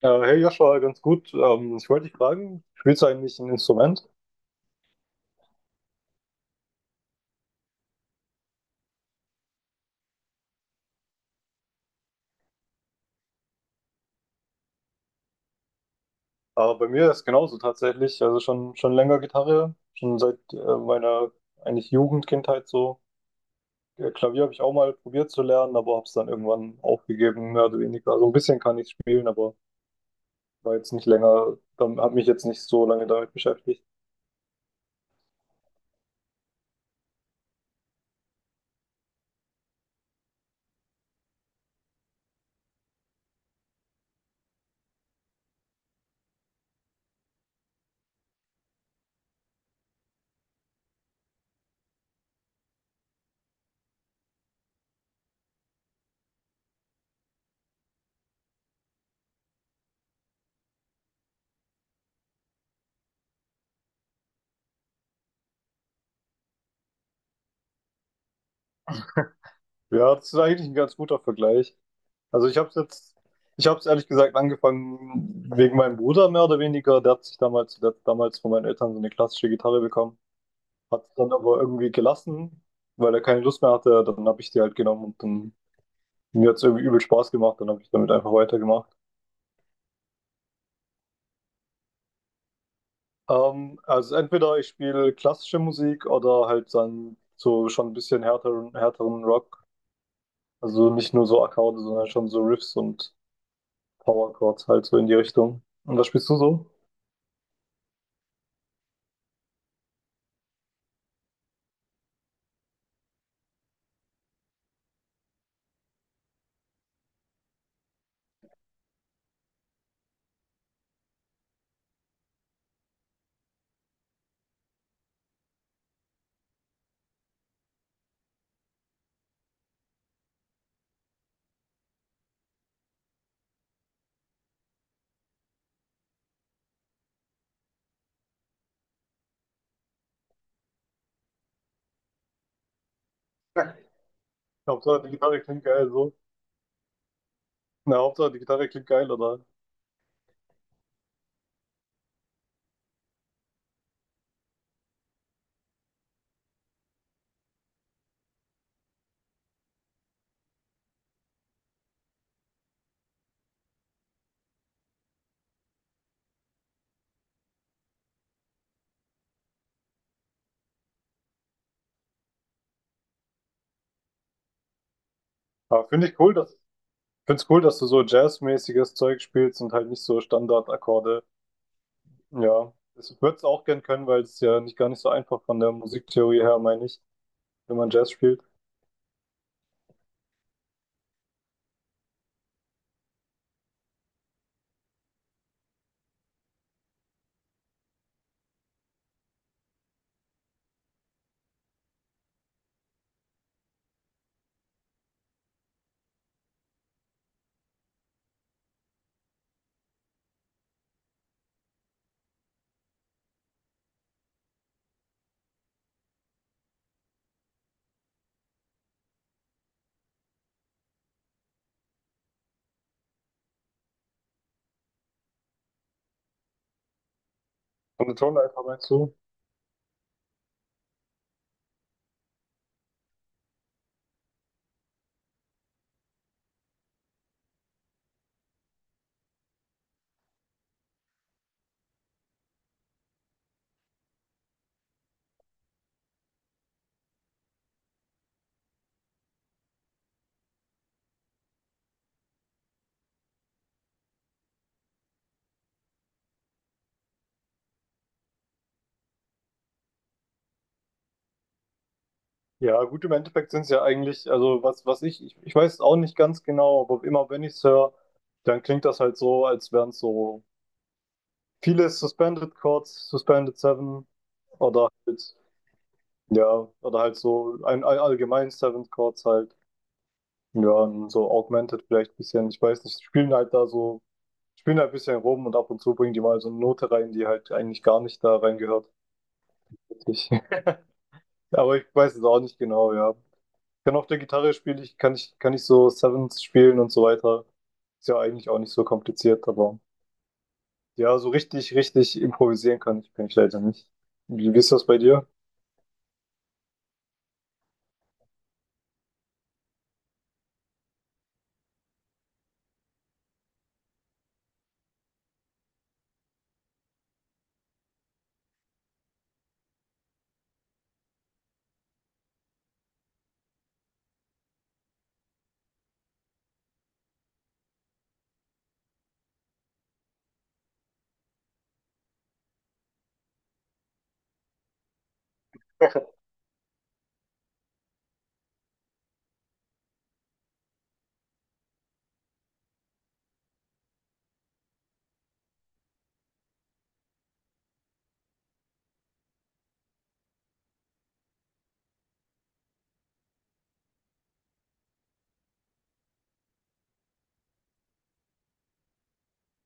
Ja, hey Joshua, ganz gut. Ich wollte dich fragen, spielst du eigentlich ein Instrument? Aber bei mir ist genauso tatsächlich. Also schon länger Gitarre, schon seit meiner eigentlich Jugendkindheit so. Klavier habe ich auch mal probiert zu lernen, aber habe es dann irgendwann aufgegeben, mehr oder weniger. Also ein bisschen kann ich spielen, aber war jetzt nicht länger, dann habe mich jetzt nicht so lange damit beschäftigt. Ja, das ist eigentlich ein ganz guter Vergleich. Also ich habe es ehrlich gesagt angefangen wegen meinem Bruder mehr oder weniger. Der hat damals von meinen Eltern so eine klassische Gitarre bekommen, hat es dann aber irgendwie gelassen, weil er keine Lust mehr hatte. Dann habe ich die halt genommen, und dann mir hat es irgendwie übel Spaß gemacht. Dann habe ich damit einfach weitergemacht. Also entweder ich spiele klassische Musik oder halt dann so schon ein bisschen härteren Rock. Also nicht nur so Akkorde, sondern schon so Riffs und Power Chords halt so in die Richtung. Und was spielst du so? Hauptsache die Gitarre klingt geil so. Na, Hauptsache, die Gitarre klingt geil, oder? Aber finde ich cool, dass, find's cool, dass du so jazzmäßiges Zeug spielst und halt nicht so Standardakkorde. Ja, ich würde es auch gern können, weil es ist ja nicht gar nicht so einfach von der Musiktheorie her, meine ich, wenn man Jazz spielt. Von der Tonleiter meinst du? Ja, gut, im Endeffekt sind es ja eigentlich, also ich weiß es auch nicht ganz genau, aber immer wenn ich es höre, dann klingt das halt so, als wären es so viele Suspended Chords, Suspended Seven oder halt. Ja, oder halt so ein allgemein Seventh Chords halt. Ja, und so Augmented vielleicht ein bisschen. Ich weiß nicht, spielen halt ein bisschen rum und ab und zu bringen die mal so eine Note rein, die halt eigentlich gar nicht da reingehört. Ich, aber ich weiß es auch nicht genau, ja. Ich kann auf der Gitarre spielen, ich kann ich, kann ich so Sevenths spielen und so weiter. Ist ja eigentlich auch nicht so kompliziert, aber ja, so richtig improvisieren kann ich leider nicht. Wie ist das bei dir?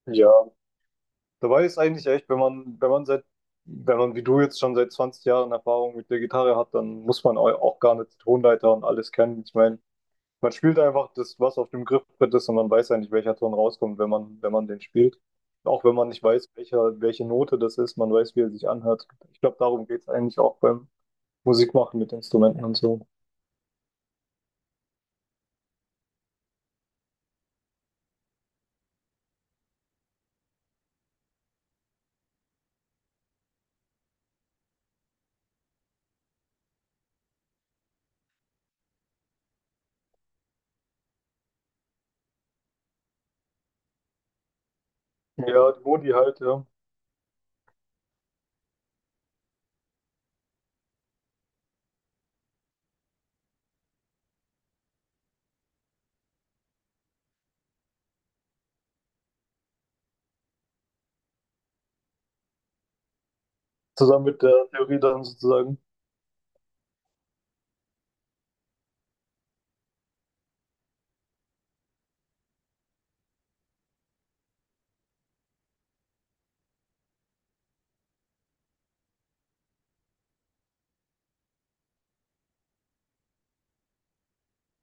Ja. Dabei ist eigentlich echt, wenn man wie du jetzt schon seit 20 Jahren Erfahrung mit der Gitarre hat, dann muss man auch gar nicht die Tonleiter und alles kennen. Ich meine, man spielt einfach das, was auf dem Griffbrett ist, und man weiß eigentlich, welcher Ton rauskommt, wenn man den spielt. Auch wenn man nicht weiß, welche Note das ist, man weiß, wie er sich anhört. Ich glaube, darum geht es eigentlich auch beim Musikmachen mit Instrumenten und so. Ja, die Modi halt, ja. Zusammen mit der Theorie dann sozusagen.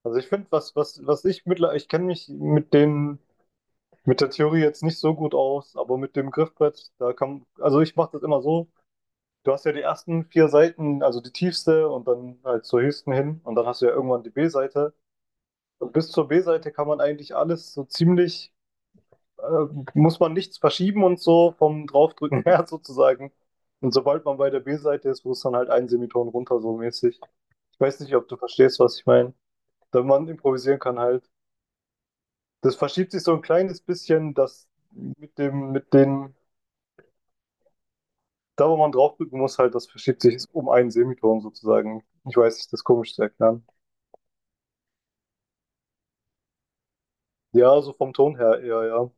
Also ich finde, ich kenne mich mit den. Mit der Theorie jetzt nicht so gut aus, aber mit dem Griffbrett, da kann, also ich mache das immer so. Du hast ja die ersten vier Seiten, also die tiefste und dann halt zur höchsten hin, und dann hast du ja irgendwann die B-Seite. Und bis zur B-Seite kann man eigentlich alles so ziemlich, äh, muss man nichts verschieben und so vom Draufdrücken her sozusagen. Und sobald man bei der B-Seite ist, muss dann halt ein Semiton runter so mäßig. Ich weiß nicht, ob du verstehst, was ich meine. Da man improvisieren kann halt. Das verschiebt sich so ein kleines bisschen, dass mit mit den. Da, wo man draufdrücken muss, halt, das verschiebt sich um einen Semiton sozusagen. Ich weiß nicht, das ist komisch zu erklären. Ja, so vom Ton her eher, ja.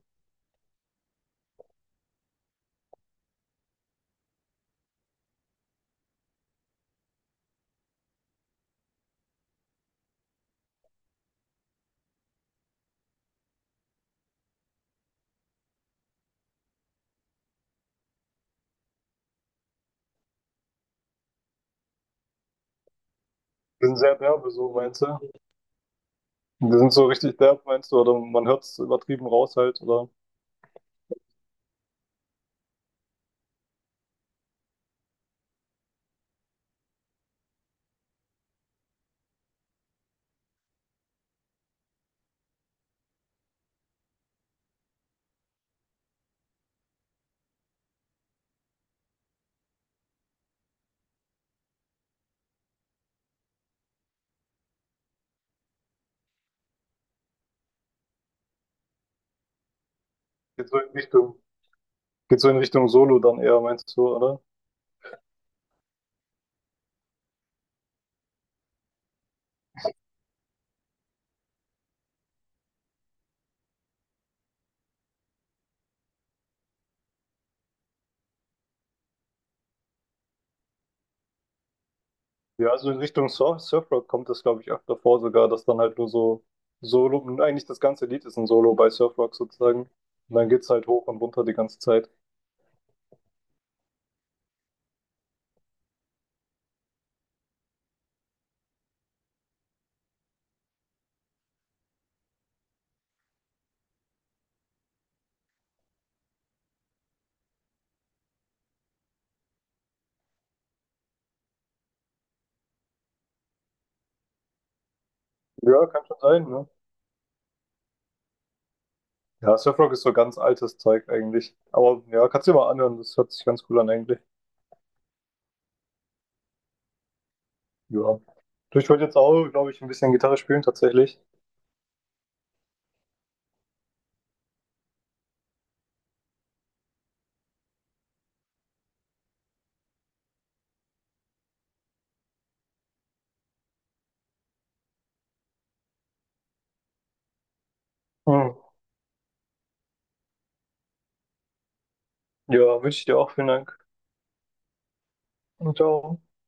Die sind sehr derbe, so meinst du? Die sind so richtig derb, meinst du? Oder man hört es übertrieben raus halt, oder? Geht so in Richtung, geht so in Richtung Solo dann eher, meinst du, oder? Ja, also in Richtung Surfrock kommt das, glaube ich, öfter vor sogar, dass dann halt nur so Solo, und eigentlich das ganze Lied ist ein Solo bei Surfrock sozusagen. Und dann geht's halt hoch und runter die ganze Zeit. Ja, kann schon sein, ne? Ja, Surfrock ist so ganz altes Zeug eigentlich. Aber ja, kannst du dir mal anhören, das hört sich ganz cool an eigentlich. Ja. Du, ich wollte jetzt auch, glaube ich, ein bisschen Gitarre spielen tatsächlich. Hm. Ja, wünsche ich dir auch. Vielen Dank. Und ciao.